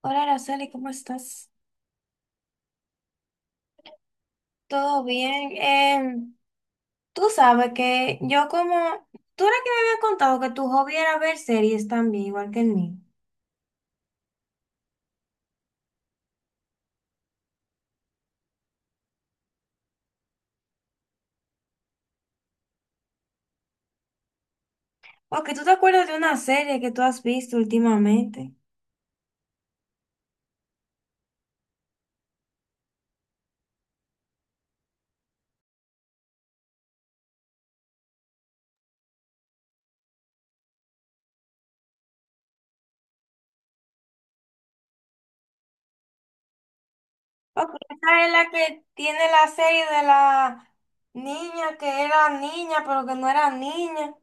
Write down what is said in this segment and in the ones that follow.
Hola, Araceli, ¿cómo estás? ¿Todo bien? Tú sabes que yo como... Tú eres que me habías contado que tu hobby era ver series también, igual que el mío. Porque tú te acuerdas de una serie que tú has visto últimamente. Porque esa es la que tiene la serie de la niña que era niña, pero que no era niña.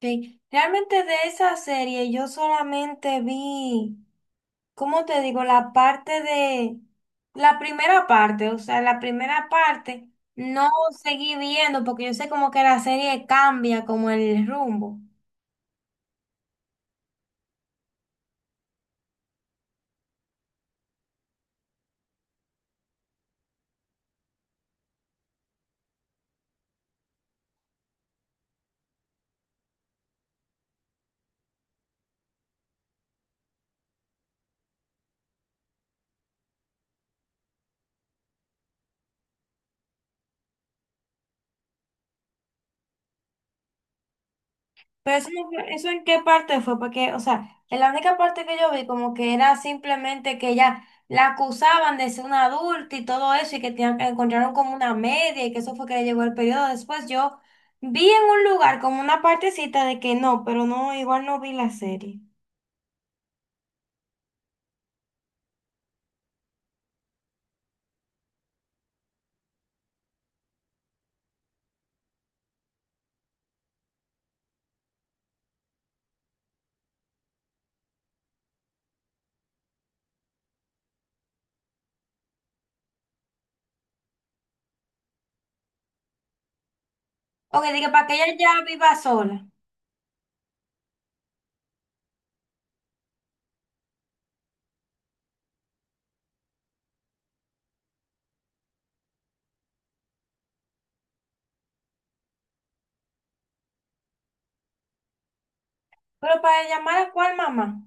Sí, realmente de esa serie yo solamente vi, ¿cómo te digo? La parte de, la primera parte, o sea, la primera parte no seguí viendo porque yo sé como que la serie cambia como el rumbo. Pero eso, no fue- ¿eso en qué parte fue? Porque, o sea, en la única parte que yo vi como que era simplemente que ella la acusaban de ser una adulta y todo eso y que que encontraron como una media y que eso fue que le llegó el periodo. Después yo vi en un lugar como una partecita de que no, pero no, igual no vi la serie. Ok, dije, para que ella ya viva sola. Pero para llamar a cuál mamá.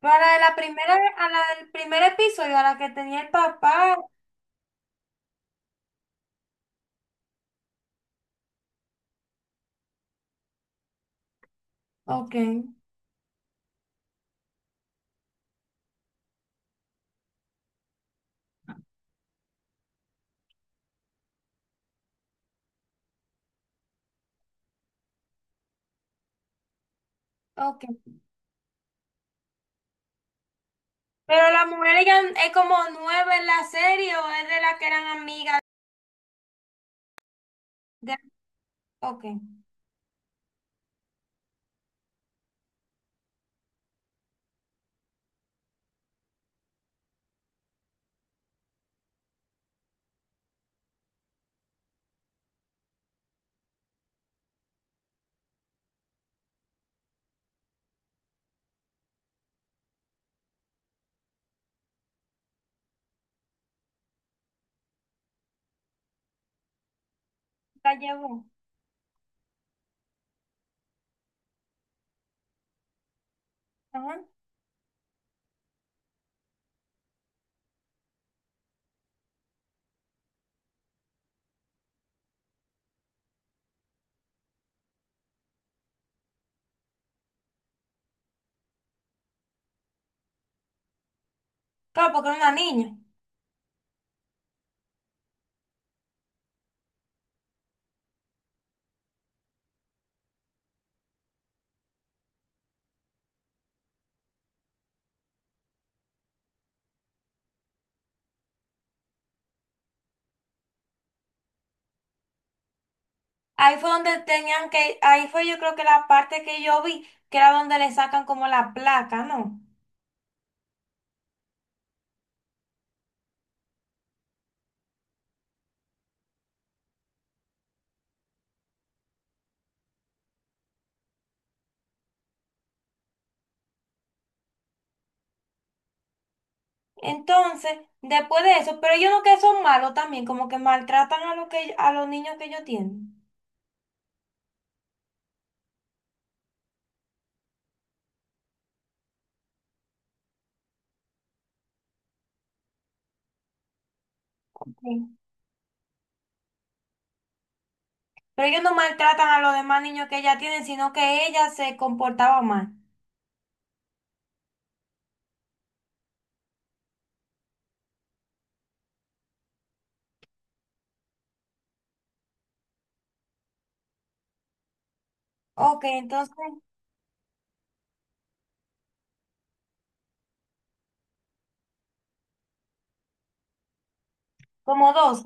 Para la primera, a la del primer episodio, a la que tenía el papá. Ok, ok. Pero es como nueve en la serie o es de las que eran amigas de... Ok, la llevó. Ajá. Claro, porque era una niña. Ahí fue donde tenían que... Ahí fue yo creo que la parte que yo vi, que era donde le sacan como la placa, ¿no? Entonces, después de eso, pero ellos no que son malos también, como que maltratan a, los que, a los niños que ellos tienen. Sí. Pero ellos no maltratan a los demás niños que ella tienen sino que ella se comportaba mal. Ok, entonces, como 12.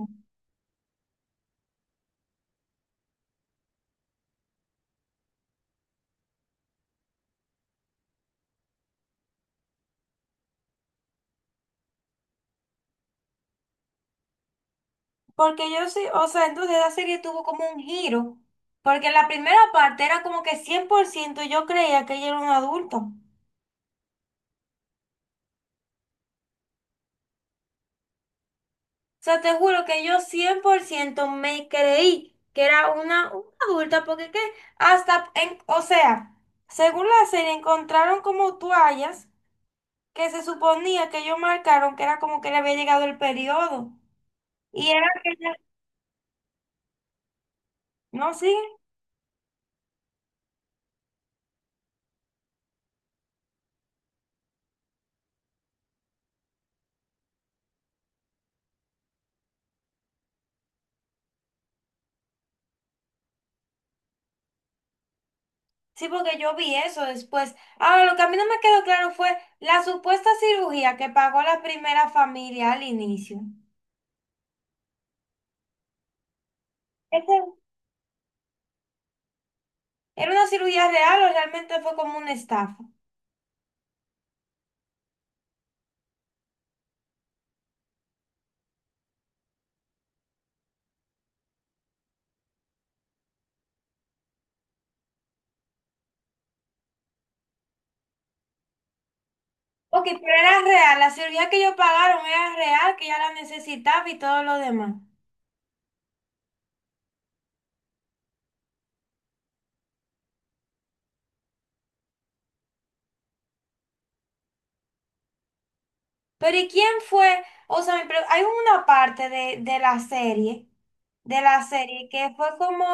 Porque yo sí, o sea, entonces esa serie tuvo como un giro. Porque la primera parte era como que 100% yo creía que ella era un adulto. O sea, te juro que yo 100% me creí que era una adulta, porque que hasta, en, o sea, según la serie encontraron como toallas que se suponía que ellos marcaron que era como que le había llegado el periodo. Y era que ella, no, sí. Sí, porque yo vi eso después. Ahora, lo que a mí no me quedó claro fue la supuesta cirugía que pagó la primera familia al inicio. ¿Ese ¿era una cirugía real o realmente fue como una estafa? Ok, pero era real. La cirugía que ellos pagaron era real, que ya la necesitaba y todo lo demás. Pero ¿y quién fue? O sea, hay una parte de, de la serie que fue como...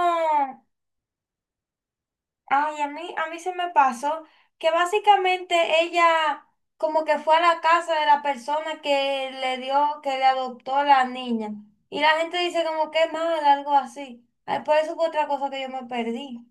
Ay, a mí se me pasó que básicamente ella como que fue a la casa de la persona que le dio, que le adoptó a la niña. Y la gente dice como que mal, algo así. Ay, por eso fue otra cosa que yo me perdí.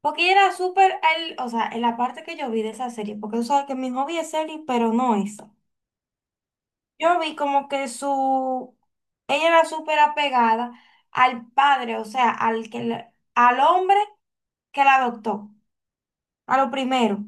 Porque ella era súper, o sea, en la parte que yo vi de esa serie, porque tú sabes que mi hobby es serie, pero no esa. Yo vi como que su, ella era súper apegada al padre, o sea, al que, al hombre que la adoptó, a lo primero.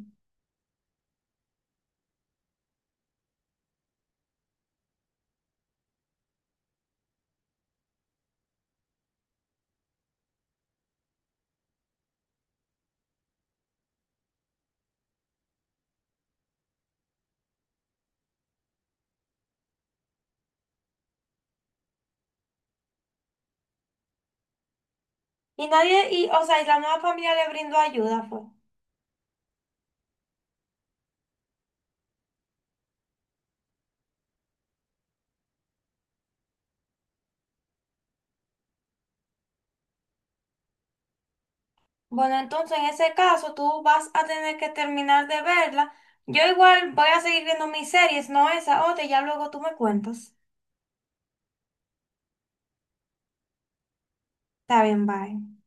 Y nadie, y, o sea, y la nueva familia le brindó ayuda, fue. Bueno, entonces en ese caso tú vas a tener que terminar de verla. Yo igual voy a seguir viendo mis series, no esa otra, y ya luego tú me cuentas. Está bien, bye.